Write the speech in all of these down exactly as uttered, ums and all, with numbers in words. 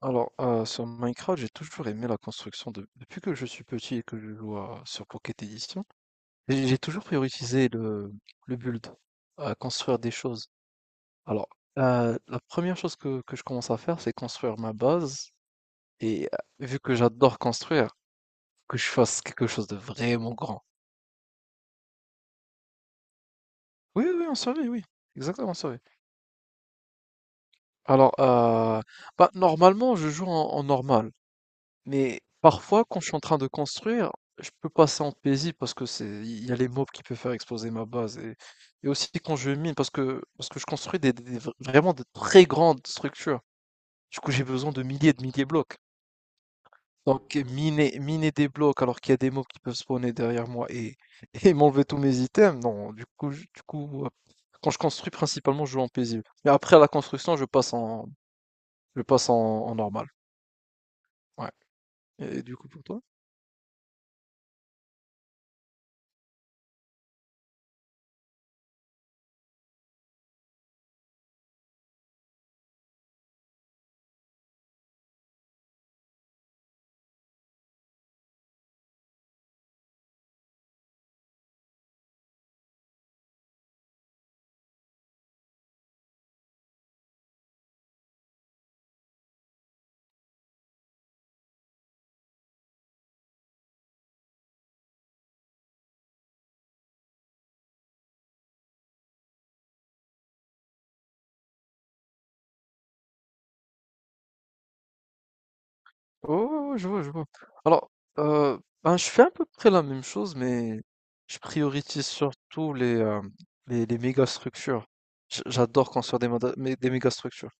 Alors, euh, sur Minecraft, j'ai toujours aimé la construction de... depuis que je suis petit et que je joue à- sur Pocket Edition. J'ai j'ai toujours priorisé le, le build, à construire des choses. Alors, euh, la première chose que, que je commence à faire, c'est construire ma base. Et euh, vu que j'adore construire, que je fasse quelque chose de vraiment grand. Oui, oui, en série, oui. Exactement, en série. Alors, euh, bah, normalement, je joue en, en normal. Mais parfois, quand je suis en train de construire, je peux passer en paisible parce que c'est, il y a les mobs qui peuvent faire exploser ma base, et et aussi quand je mine parce que parce que je construis des, des- vra- vraiment de très grandes structures. Du coup, j'ai besoin de milliers et de milliers de blocs. Donc miner miner des blocs alors qu'il y a des mobs qui peuvent spawner derrière moi et et m'enlever tous mes items. Non, du coup, je- du coup, euh, quand je construis principalement, je joue en paisible. Mais après à la construction, je passe en je passe en, en normal. Ouais. Et du coup pour toi? Oh, je vois, je vois. Alors, heu, ben, je fais à peu près la même chose, mais je priorise surtout les, hem, les les méga structures. J j'adore construire des mada mé des méga structures.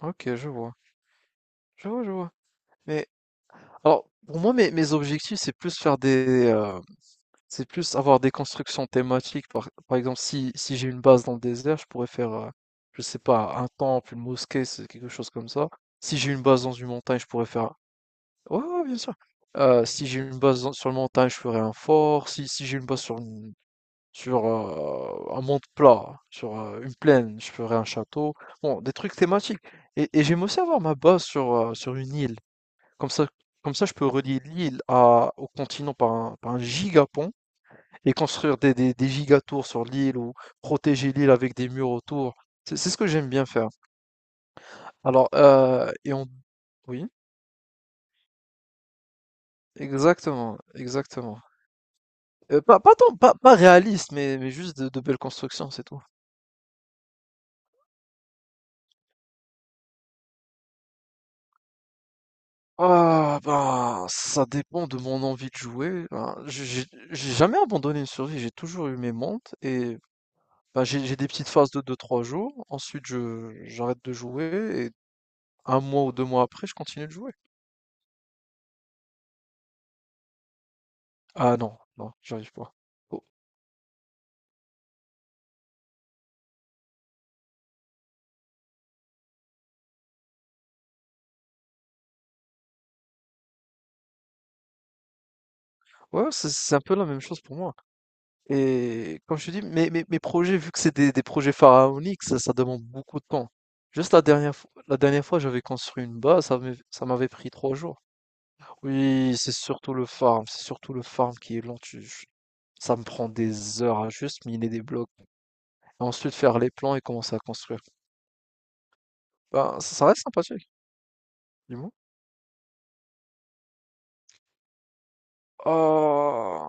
OK, je vois. Je vois, je vois. Mais alors, pour moi, mes mes objectifs, c'est plus faire des, heu, c'est plus avoir des constructions thématiques. Par par exemple, si si j'ai une base dans le désert, je pourrais faire, heu, je sais pas, un temple, une mosquée, c'est quelque chose comme ça. Si j'ai une base dans une montagne, je pourrais faire. Ouais, ouais, bien sûr. Heu, si j'ai une base dans sur le montagne, je ferai un fort. Si si j'ai une base sur une sur, heu, un monde plat, sur, heu, une plaine, je ferai un château. Bon, des trucs thématiques, et et j'aime aussi avoir ma base sur, heu, sur une île. Comme ça comme ça, je peux relier l'île à au continent par un par un gigapont et construire des des des giga sur l'île ou protéger l'île avec des murs autour. C'est c'est ce que j'aime bien faire. Alors, heu et on Oui, exactement, exactement. Heu, pas pas tant, pas pas réaliste, mais mais juste de de belles constructions, c'est tout. Ah, bah ça dépend de mon envie de jouer. Ben, j'ai j'ai j'ai jamais abandonné une survie, j'ai toujours eu mes montes. Et bah, j'ai j'ai des petites phases de deux trois jours, ensuite je j'arrête de jouer, et un mois ou deux mois après, je continue de jouer. Ah non, non, j'arrive pas. Oh. Ouais, c'est c'est un peu la même chose pour moi. Et comme je te dis, mes, mes, mes projets, vu que c'est des, des projets pharaoniques, ça, ça demande beaucoup de temps. Juste la dernière, fo- la dernière fois, j'avais construit une base, ça m'avait ça m'avait pris trois jours. Oui, c'est surtout le farm, c'est surtout le farm qui est lent. Tu- je- ça me prend des heures à juste miner des blocs, et ensuite faire les plans et commencer à construire. Ben, ça, ça reste sympathique, dis-moi. Euh,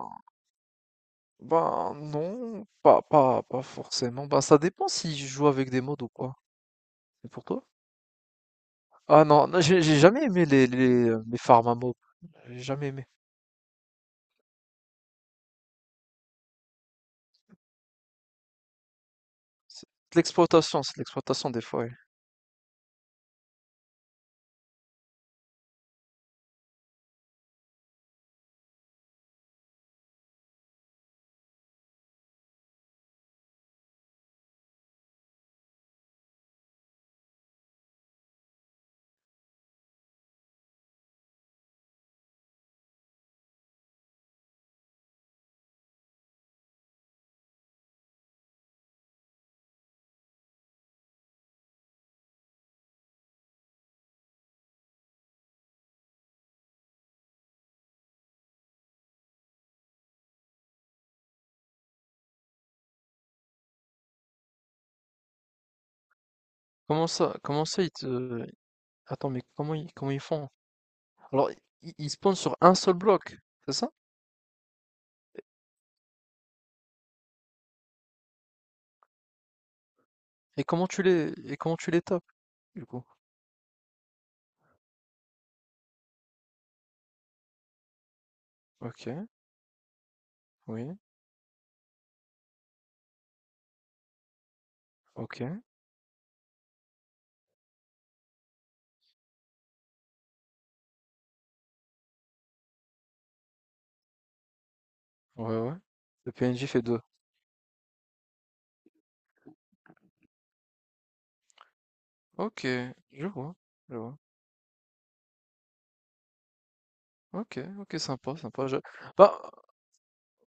ben non, pas, pas, pas forcément. Ben, ça dépend si je joue avec des mods ou pas. Et pour toi? Ah non, non, j'ai j'ai jamais aimé les, les, euh, les farms à mobs. J'ai jamais aimé. C'est de l'exploitation, c'est de l'exploitation des fois. Ouais. Comment ça, comment ça ils te... Attends, mais comment ils, comment ils font? Alors, ils, ils spawnent sur un seul bloc, c'est ça? Et comment tu les, et comment tu les tapes, du coup? Ok, oui, ok, ouais, ouais. Le P N J fait deux. Ok, je vois, je vois. Ok, ok, sympa, sympa. je- Bah,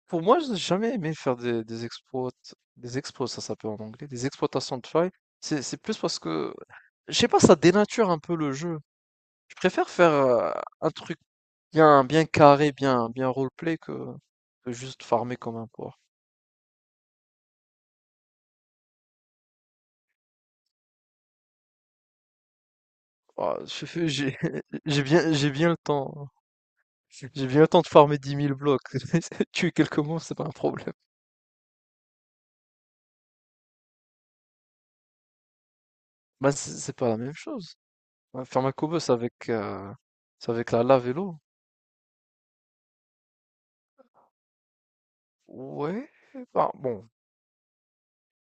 pour moi, j'ai jamais aimé faire des des exploits des exploits, ça s'appelle en anglais, des exploitations de failles. C'est c'est plus parce que, je sais pas, ça dénature un peu le jeu. Je préfère faire, heu, un truc bien bien carré, bien bien roleplay que que juste farmer comme un porc. Ah, je fais j'ai j'ai bien j'ai bien le temps, j'ai bien le temps de farmer dix mille blocs. Tuer quelques monstres, c'est pas un problème. Bah, c'est c'est pas la même chose. Ouais, faire un Koboss avec, heu, c'est avec la lave et l'eau. Ouais, enfin bon.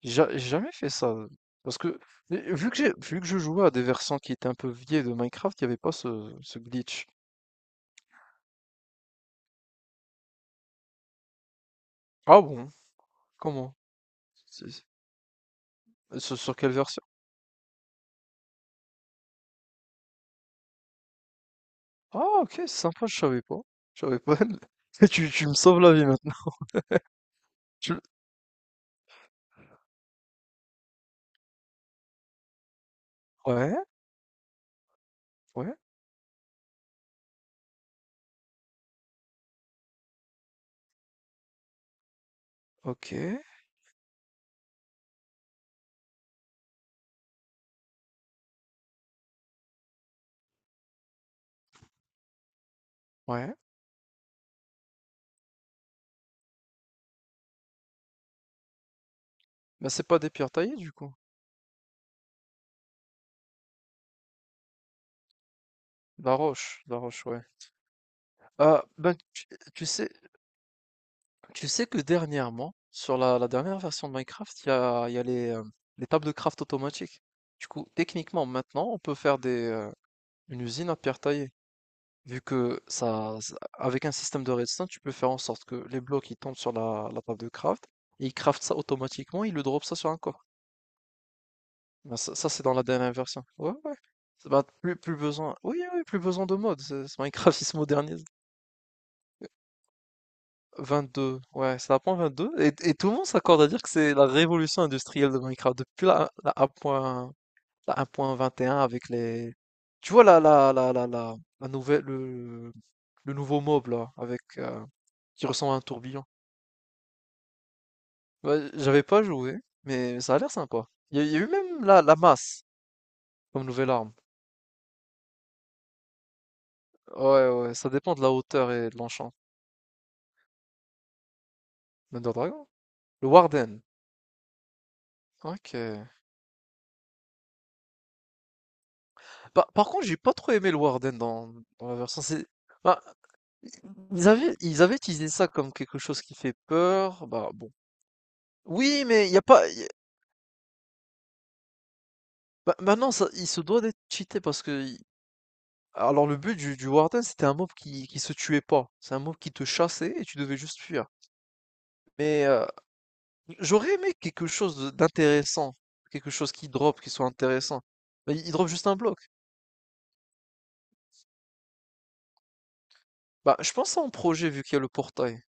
J'a- J'ai jamais fait ça. Parce que, mais vu que j'ai, vu que je jouais à des versants qui étaient un peu vieilles de Minecraft, il n'y avait pas ce, ce glitch. Ah bon? Comment? C'est- c'est- Sur, sur quelle version? Ah, ok, sympa, je savais pas. Je savais pas. Tu, tu me sauves la vie maintenant. Tu- Ouais, ouais, ok, ouais. Mais c'est pas des pierres taillées, du coup. La roche, la roche, ouais. Ah, ben, tu, tu sais, tu sais que dernièrement, sur la, la dernière version de Minecraft, il y a, il y a les, euh, les tables de craft automatiques. Du coup, techniquement, maintenant, on peut faire des, euh, une usine à pierre taillée. Vu que ça, ça- avec un système de redstone, tu peux faire en sorte que les blocs ils tombent sur la, la table de craft, et ils craftent ça automatiquement, ils le dropent ça sur un corps. Ben, ça, ça, c'est dans la dernière version. Ouais, ouais. Ça va, plus, plus besoin. Oui, oui, plus besoin de mode. c'est- c'est Minecraft, il se modernise. vingt-deux, ouais, c'est la point vingt-deux. Et, et tout le monde s'accorde à dire que c'est la révolution industrielle de Minecraft. Depuis la, la un point un, la un point vingt-et-un avec les... Tu vois la, la, la, la, la, la nouvelle, le, le nouveau mob là, avec, euh, qui ressemble à un tourbillon. Ouais, j'avais pas joué, mais ça a l'air sympa. Il y, a il y a eu même la, la masse comme nouvelle arme. Ouais, ouais, ça dépend de la hauteur et de l'enchant. Thunder Dragon? Le Warden. Ok. Par, par contre, j'ai pas trop aimé le Warden dans, dans la version. C'est, bah, Ils avaient, ils avaient utilisé ça comme quelque chose qui fait peur. Bah bon. Oui, mais il y a pas. Y- bah, maintenant, ça, il se doit d'être cheaté parce que. y- Alors le but du, du Warden, c'était un mob qui, qui se tuait pas. C'est un mob qui te chassait et tu devais juste fuir. Mais euh, j'aurais aimé quelque chose de- d'intéressant, quelque chose qui drop, qui soit intéressant. Bah, il il drop juste un bloc. Bah je pense à un projet vu qu'il y a le portail.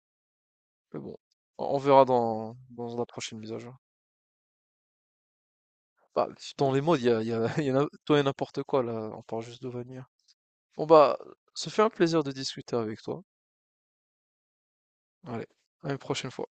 Mais bon, on on verra dans, dans la prochaine mise à jour. Bah, dans les modes, il y a, il y a, il y en a tout et n'importe quoi là. On parle juste de Vanilla. Bon bah, ça fait un plaisir de discuter avec toi. Allez, à une prochaine fois.